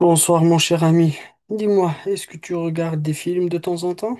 Bonsoir mon cher ami. Dis-moi, est-ce que tu regardes des films de temps en temps?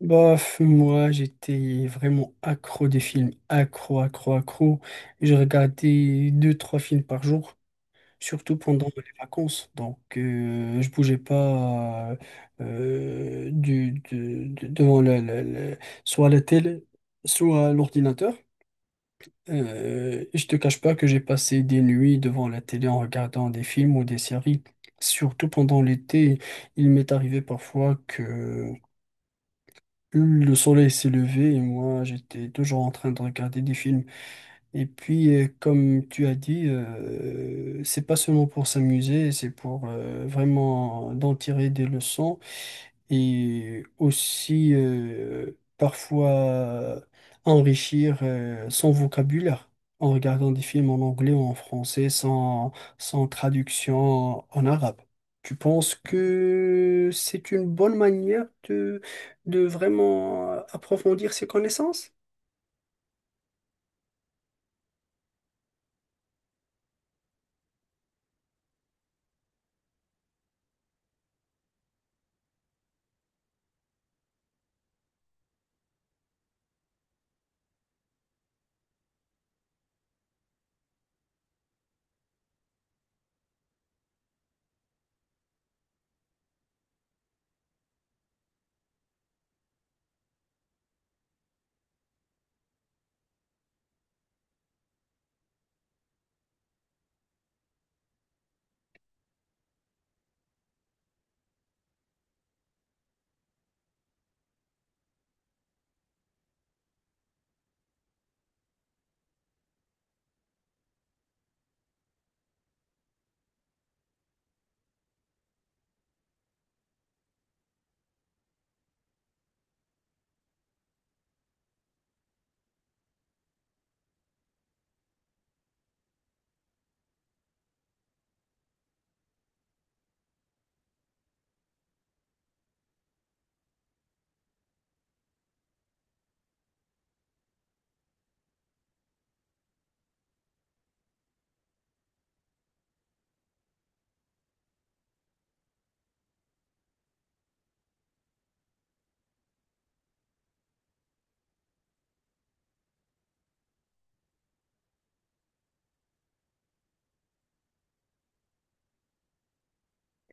Bof, moi j'étais vraiment accro des films, accro, accro, accro. Je regardais deux, trois films par jour, surtout pendant les vacances. Donc je bougeais pas devant la soit la télé, soit l'ordinateur. Je te cache pas que j'ai passé des nuits devant la télé en regardant des films ou des séries. Surtout pendant l'été, il m'est arrivé parfois que le soleil s'est levé et moi j'étais toujours en train de regarder des films. Et puis, comme tu as dit, c'est pas seulement pour s'amuser, c'est pour vraiment d'en tirer des leçons et aussi parfois enrichir son vocabulaire en regardant des films en anglais ou en français sans traduction en arabe. Tu penses que c'est une bonne manière de vraiment approfondir ses connaissances?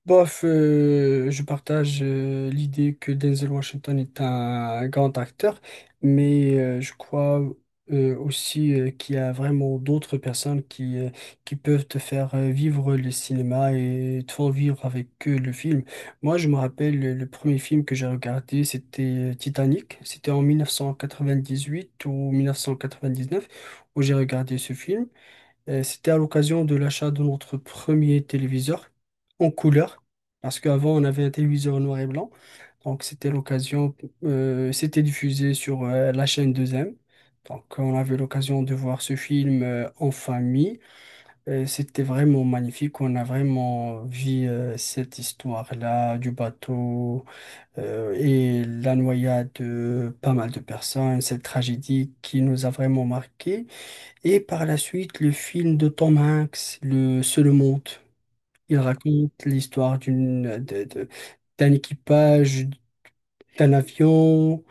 Bof, je partage l'idée que Denzel Washington est un grand acteur, mais je crois aussi qu'il y a vraiment d'autres personnes qui qui peuvent te faire vivre le cinéma et te font vivre avec eux le film. Moi, je me rappelle le premier film que j'ai regardé, c'était Titanic. C'était en 1998 ou 1999, où j'ai regardé ce film. C'était à l'occasion de l'achat de notre premier téléviseur en couleur, parce qu'avant on avait un téléviseur noir et blanc. Donc c'était l'occasion, c'était diffusé sur la chaîne 2M. Donc on avait l'occasion de voir ce film en famille. C'était vraiment magnifique. On a vraiment vu cette histoire-là du bateau et la noyade de pas mal de personnes, cette tragédie qui nous a vraiment marqué. Et par la suite, le film de Tom Hanks, Le Seul Monde. Il raconte l'histoire d'un équipage, d'un avion,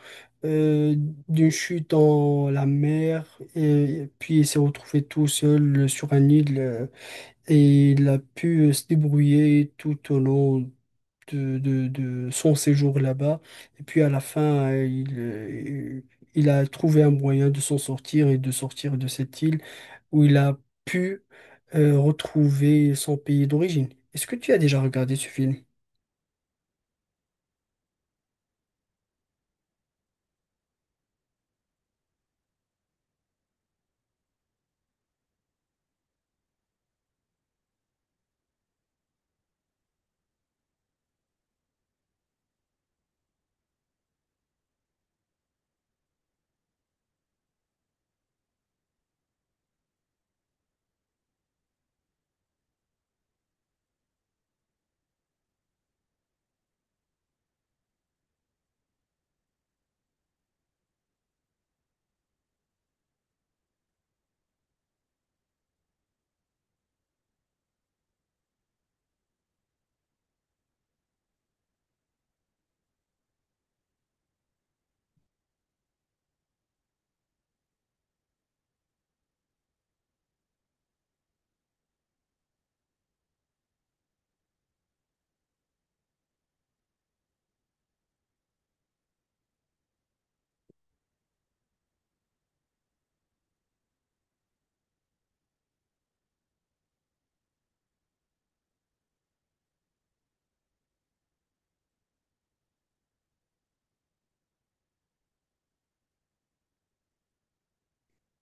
euh, d'une chute dans la mer, et puis il s'est retrouvé tout seul sur un île, et il a pu se débrouiller tout au long de son séjour là-bas. Et puis à la fin, il a trouvé un moyen de s'en sortir et de sortir de cette île où il a pu retrouver son pays d'origine. Est-ce que tu as déjà regardé ce film?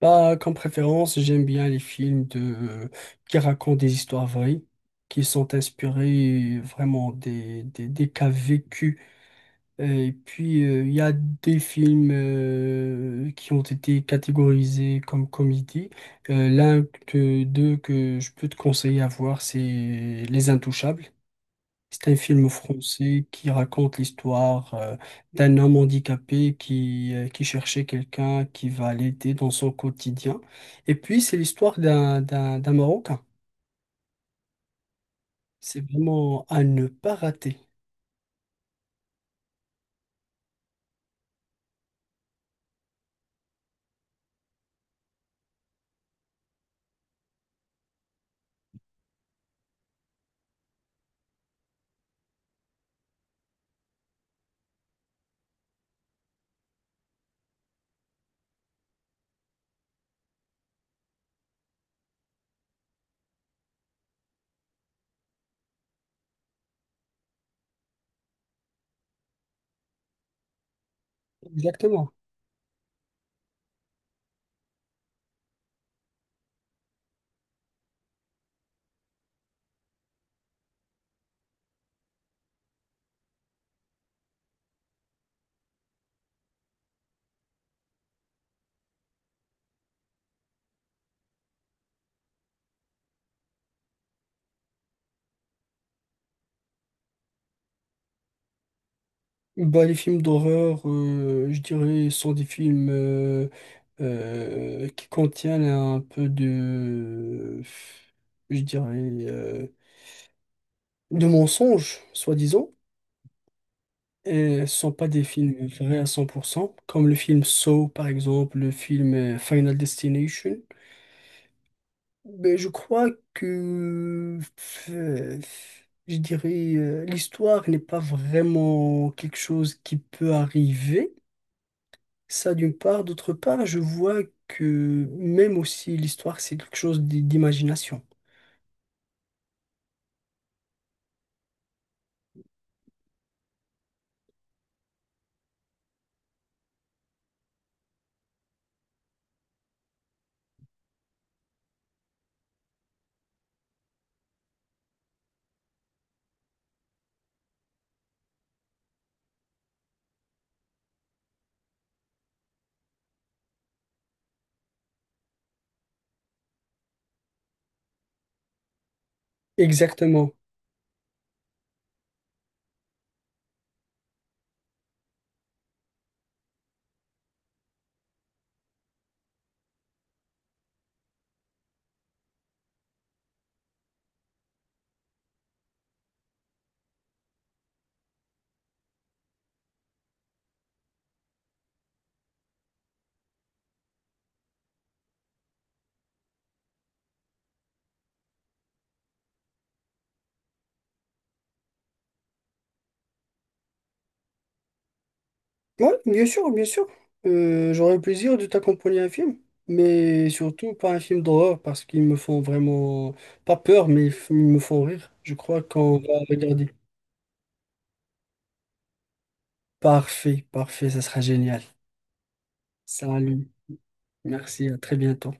Bah, comme préférence, j'aime bien les films qui racontent des histoires vraies, qui sont inspirés vraiment des cas vécus. Et puis, il y a des films qui ont été catégorisés comme comédie. L'un d'eux que je peux te conseiller à voir, c'est Les Intouchables. C'est un film français qui raconte l'histoire d'un homme handicapé qui qui cherchait quelqu'un qui va l'aider dans son quotidien. Et puis, c'est l'histoire d'un Marocain. C'est vraiment à ne pas rater. Exactement. Bah, les films d'horreur, je dirais, sont des films qui contiennent un peu je dirais, euh, de mensonges, soi-disant. Et ce ne sont pas des films vrais à 100%, comme le film Saw, par exemple, le film Final Destination. Mais je crois que, euh, je dirais, l'histoire n'est pas vraiment quelque chose qui peut arriver. Ça d'une part. D'autre part, je vois que même aussi l'histoire, c'est quelque chose d'imagination. Exactement. Oui, bien sûr, bien sûr. J'aurais le plaisir de t'accompagner à un film, mais surtout pas un film d'horreur parce qu'ils me font vraiment, pas peur, mais ils me font rire. Je crois qu'on va regarder. Parfait, parfait, ça sera génial. Salut, merci, à très bientôt.